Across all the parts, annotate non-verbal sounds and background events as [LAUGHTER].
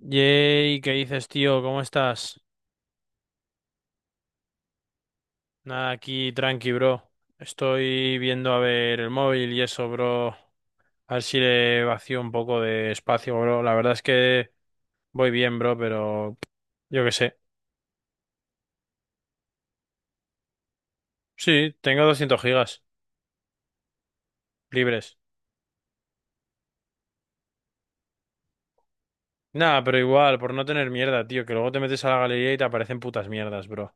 Yay, ¿qué dices, tío? ¿Cómo estás? Nada, aquí tranqui, bro. Estoy viendo a ver el móvil y eso, bro. A ver si le vacío un poco de espacio, bro. La verdad es que voy bien, bro, pero yo qué sé. Sí, tengo 200 gigas libres. Nada, pero igual, por no tener mierda, tío, que luego te metes a la galería y te aparecen putas mierdas, bro.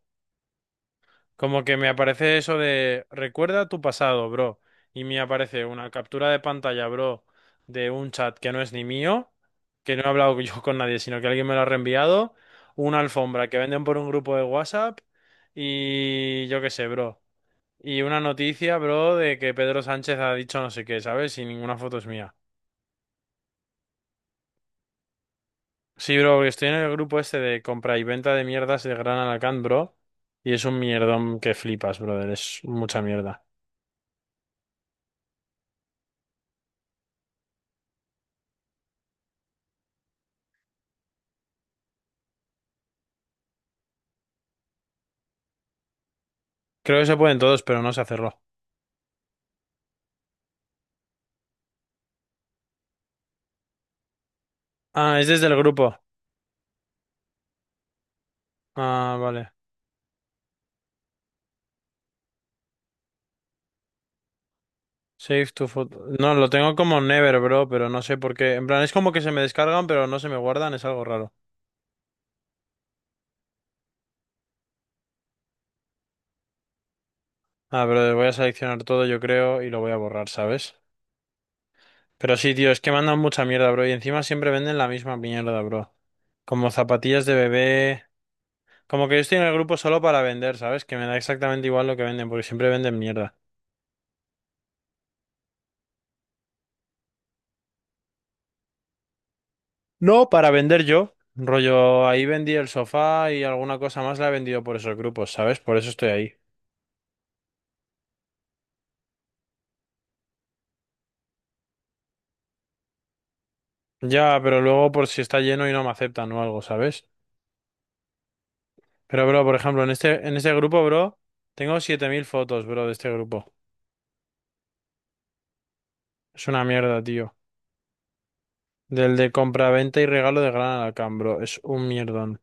Como que me aparece eso de recuerda tu pasado, bro. Y me aparece una captura de pantalla, bro, de un chat que no es ni mío, que no he hablado [LAUGHS] yo con nadie, sino que alguien me lo ha reenviado, una alfombra que venden por un grupo de WhatsApp y yo qué sé, bro. Y una noticia, bro, de que Pedro Sánchez ha dicho no sé qué, ¿sabes? Y ninguna foto es mía. Sí, bro, porque estoy en el grupo este de compra y venta de mierdas de Gran Alacant, bro. Y es un mierdón que flipas, brother. Es mucha mierda. Creo que se pueden todos, pero no se cerró. Ah, es desde el grupo. Ah, vale. Save to photo. No, lo tengo como never, bro, pero no sé por qué. En plan, es como que se me descargan, pero no se me guardan, es algo raro. Ah, pero voy a seleccionar todo, yo creo, y lo voy a borrar, ¿sabes? Pero sí, tío, es que mandan mucha mierda, bro, y encima siempre venden la misma mierda, bro. Como zapatillas de bebé. Como que yo estoy en el grupo solo para vender, ¿sabes? Que me da exactamente igual lo que venden, porque siempre venden mierda. No, para vender yo. Rollo, ahí vendí el sofá y alguna cosa más la he vendido por esos grupos, ¿sabes? Por eso estoy ahí. Ya, pero luego por si está lleno y no me aceptan o algo, ¿sabes? Pero, bro, por ejemplo, en este grupo, bro, tengo 7.000 fotos, bro, de este grupo. Es una mierda, tío. Del de compra-venta y regalo de Gran Alacán, bro. Es un mierdón.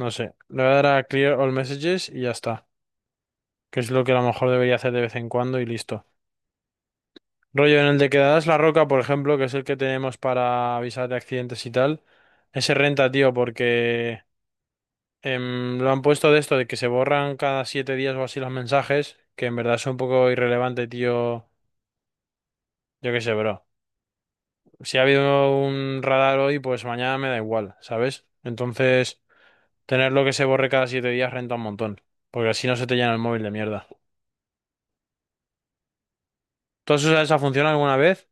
No sé. Le voy a dar a Clear All Messages y ya está. Que es lo que a lo mejor debería hacer de vez en cuando y listo. Rollo en el de Quedadas la Roca, por ejemplo, que es el que tenemos para avisar de accidentes y tal. Ese renta, tío, porque lo han puesto de esto, de que se borran cada 7 días o así los mensajes, que en verdad son un poco irrelevante, tío. Yo qué sé, bro. Si ha habido un radar hoy, pues mañana me da igual, ¿sabes? Entonces, tenerlo que se borre cada 7 días renta un montón, porque así no se te llena el móvil de mierda. ¿Tú has usado esa función alguna vez?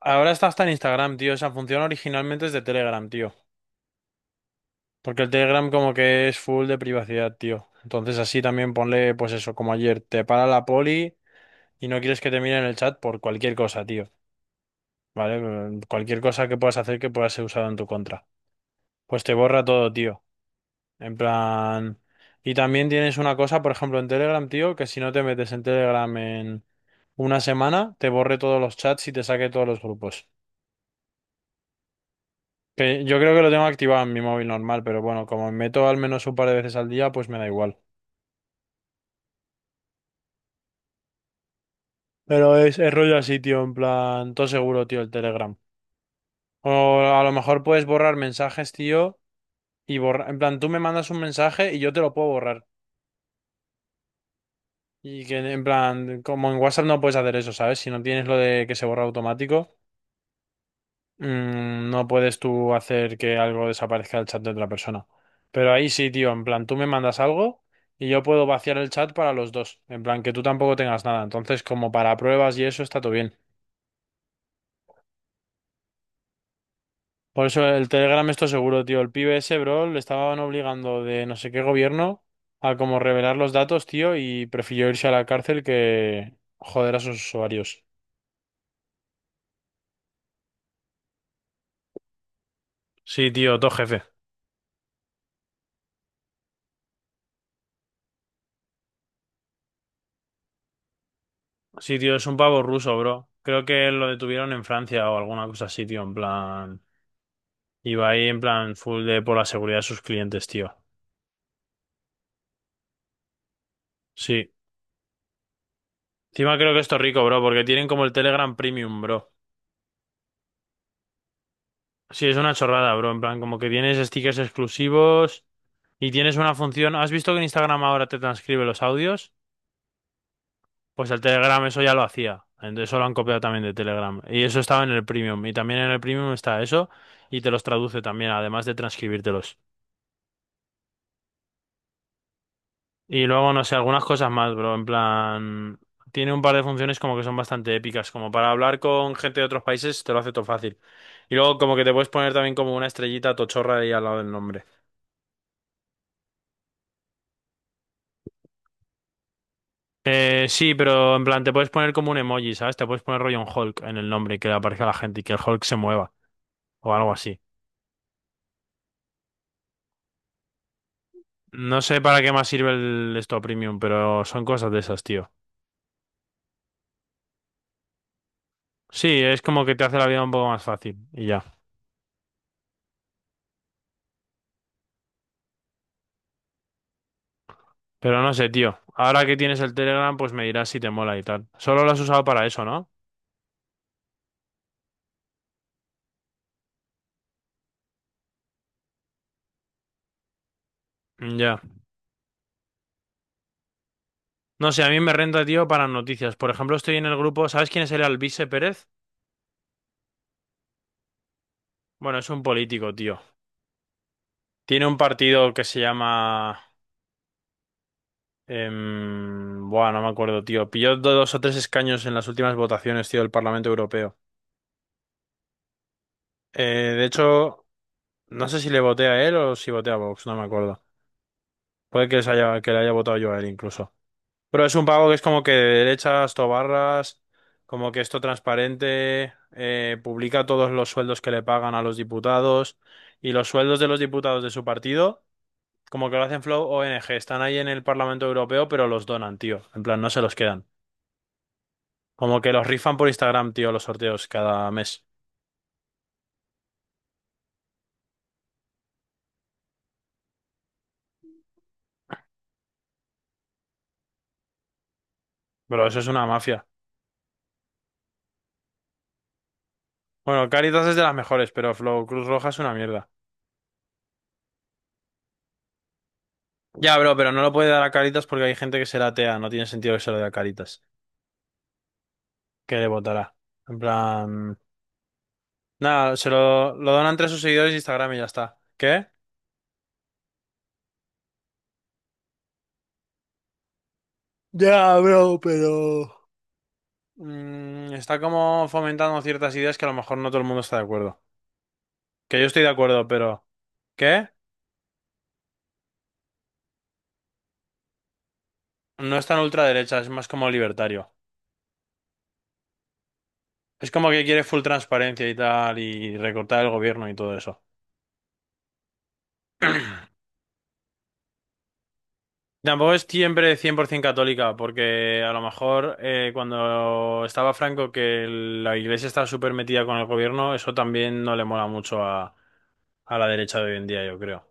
Ahora está hasta en Instagram, tío. Esa función originalmente es de Telegram, tío. Porque el Telegram como que es full de privacidad, tío. Entonces así también ponle, pues eso, como ayer, te para la poli y no quieres que te miren el chat por cualquier cosa, tío. ¿Vale? Cualquier cosa que puedas hacer que pueda ser usado en tu contra. Pues te borra todo, tío. En plan... Y también tienes una cosa, por ejemplo, en Telegram, tío, que si no te metes en Telegram en una semana, te borre todos los chats y te saque todos los grupos. Que yo creo que lo tengo activado en mi móvil normal, pero bueno, como me meto al menos un par de veces al día, pues me da igual. Pero es rollo así, tío, en plan, todo seguro, tío, el Telegram. O a lo mejor puedes borrar mensajes, tío, y borrar, en plan, tú me mandas un mensaje y yo te lo puedo borrar. Y que, en plan, como en WhatsApp no puedes hacer eso, ¿sabes? Si no tienes lo de que se borra automático, no puedes tú hacer que algo desaparezca del chat de otra persona. Pero ahí sí, tío, en plan, tú me mandas algo y yo puedo vaciar el chat para los dos. En plan, que tú tampoco tengas nada. Entonces, como para pruebas y eso, está todo bien. Por eso el Telegram, esto seguro, tío. El pibe ese, bro, le estaban obligando de no sé qué gobierno a como revelar los datos, tío, y prefirió irse a la cárcel que joder a sus usuarios. Sí, tío, todo jefe. Sí, tío, es un pavo ruso, bro. Creo que lo detuvieron en Francia o alguna cosa así, tío, en plan... Iba ahí en plan full de por la seguridad de sus clientes, tío. Sí. Encima creo que esto es rico, bro, porque tienen como el Telegram Premium, bro. Sí, es una chorrada, bro. En plan, como que tienes stickers exclusivos. Y tienes una función. ¿Has visto que en Instagram ahora te transcribe los audios? Pues el Telegram eso ya lo hacía. Entonces eso lo han copiado también de Telegram. Y eso estaba en el Premium. Y también en el Premium está eso. Y te los traduce también, además de transcribírtelos. Y luego, no sé, algunas cosas más, bro. En plan. Tiene un par de funciones como que son bastante épicas. Como para hablar con gente de otros países, te lo hace todo fácil. Y luego, como que te puedes poner también como una estrellita tochorra ahí al lado del nombre. Sí, pero en plan, te puedes poner como un emoji, ¿sabes? Te puedes poner rollo un Hulk en el nombre y que le aparezca a la gente y que el Hulk se mueva o algo así. No sé para qué más sirve el esto premium, pero son cosas de esas, tío. Sí, es como que te hace la vida un poco más fácil y ya. Pero no sé, tío. Ahora que tienes el Telegram, pues me dirás si te mola y tal. Solo lo has usado para eso, ¿no? Mm, ya. No sé, a mí me renta, tío, para noticias. Por ejemplo, estoy en el grupo. ¿Sabes quién es el Alvise Pérez? Bueno, es un político, tío. Tiene un partido que se llama buah, no me acuerdo, tío. Pilló dos o tres escaños en las últimas votaciones, tío, del Parlamento Europeo. De hecho, no sé si le voté a él o si voté a Vox, no me acuerdo. Puede que, que le haya votado yo a él incluso. Pero es un pago que es como que de derechas, tobarras, como que esto transparente, publica todos los sueldos que le pagan a los diputados y los sueldos de los diputados de su partido, como que lo hacen Flow ONG, están ahí en el Parlamento Europeo, pero los donan, tío. En plan, no se los quedan. Como que los rifan por Instagram, tío, los sorteos cada mes. Bro, eso es una mafia. Bueno, Caritas es de las mejores, pero Flow Cruz Roja es una mierda. Ya, bro, pero no lo puede dar a Caritas porque hay gente que será atea. No tiene sentido que se lo dé a Caritas. Que le votará. En plan... Nada, lo donan entre sus seguidores de Instagram y ya está. ¿Qué? Ya, bro, pero... Está como fomentando ciertas ideas que a lo mejor no todo el mundo está de acuerdo. Que yo estoy de acuerdo, pero... ¿Qué? No es tan ultraderecha, es más como libertario. Es como que quiere full transparencia y tal, y recortar el gobierno y todo eso. Tampoco es siempre 100% católica, porque a lo mejor cuando estaba Franco que la iglesia estaba súper metida con el gobierno, eso también no le mola mucho a, la derecha de hoy en día, yo creo.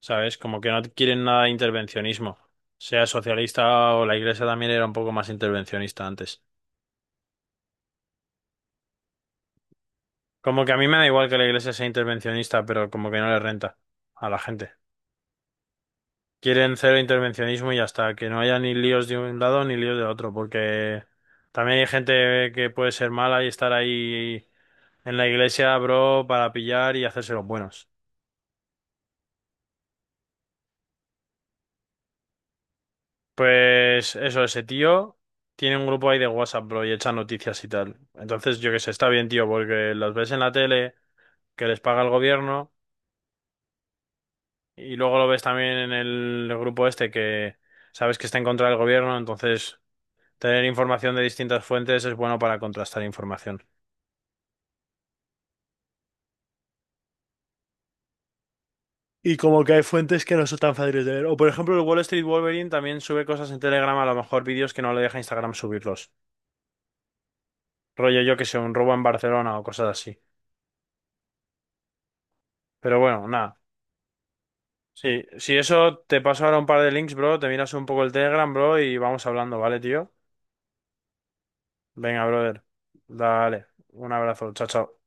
¿Sabes? Como que no quieren nada de intervencionismo. Sea socialista o la iglesia también era un poco más intervencionista antes. Como que a mí me da igual que la iglesia sea intervencionista, pero como que no le renta a la gente. Quieren cero intervencionismo y ya está, que no haya ni líos de un lado ni líos de otro, porque también hay gente que puede ser mala y estar ahí en la iglesia, bro, para pillar y hacerse los buenos. Pues eso, ese tío tiene un grupo ahí de WhatsApp, bro, y echa noticias y tal. Entonces, yo qué sé, está bien, tío, porque los ves en la tele, que les paga el gobierno, y luego lo ves también en el grupo este que sabes que está en contra del gobierno, entonces tener información de distintas fuentes es bueno para contrastar información. Y como que hay fuentes que no son tan fáciles de ver. O por ejemplo, el Wall Street Wolverine también sube cosas en Telegram, a lo mejor vídeos que no le deja Instagram subirlos. Rollo yo que sé, un robo en Barcelona o cosas así. Pero bueno, nada. Sí, si eso te paso ahora un par de links, bro, te miras un poco el Telegram, bro, y vamos hablando, ¿vale, tío? Venga, brother. Dale. Un abrazo. Chao, chao.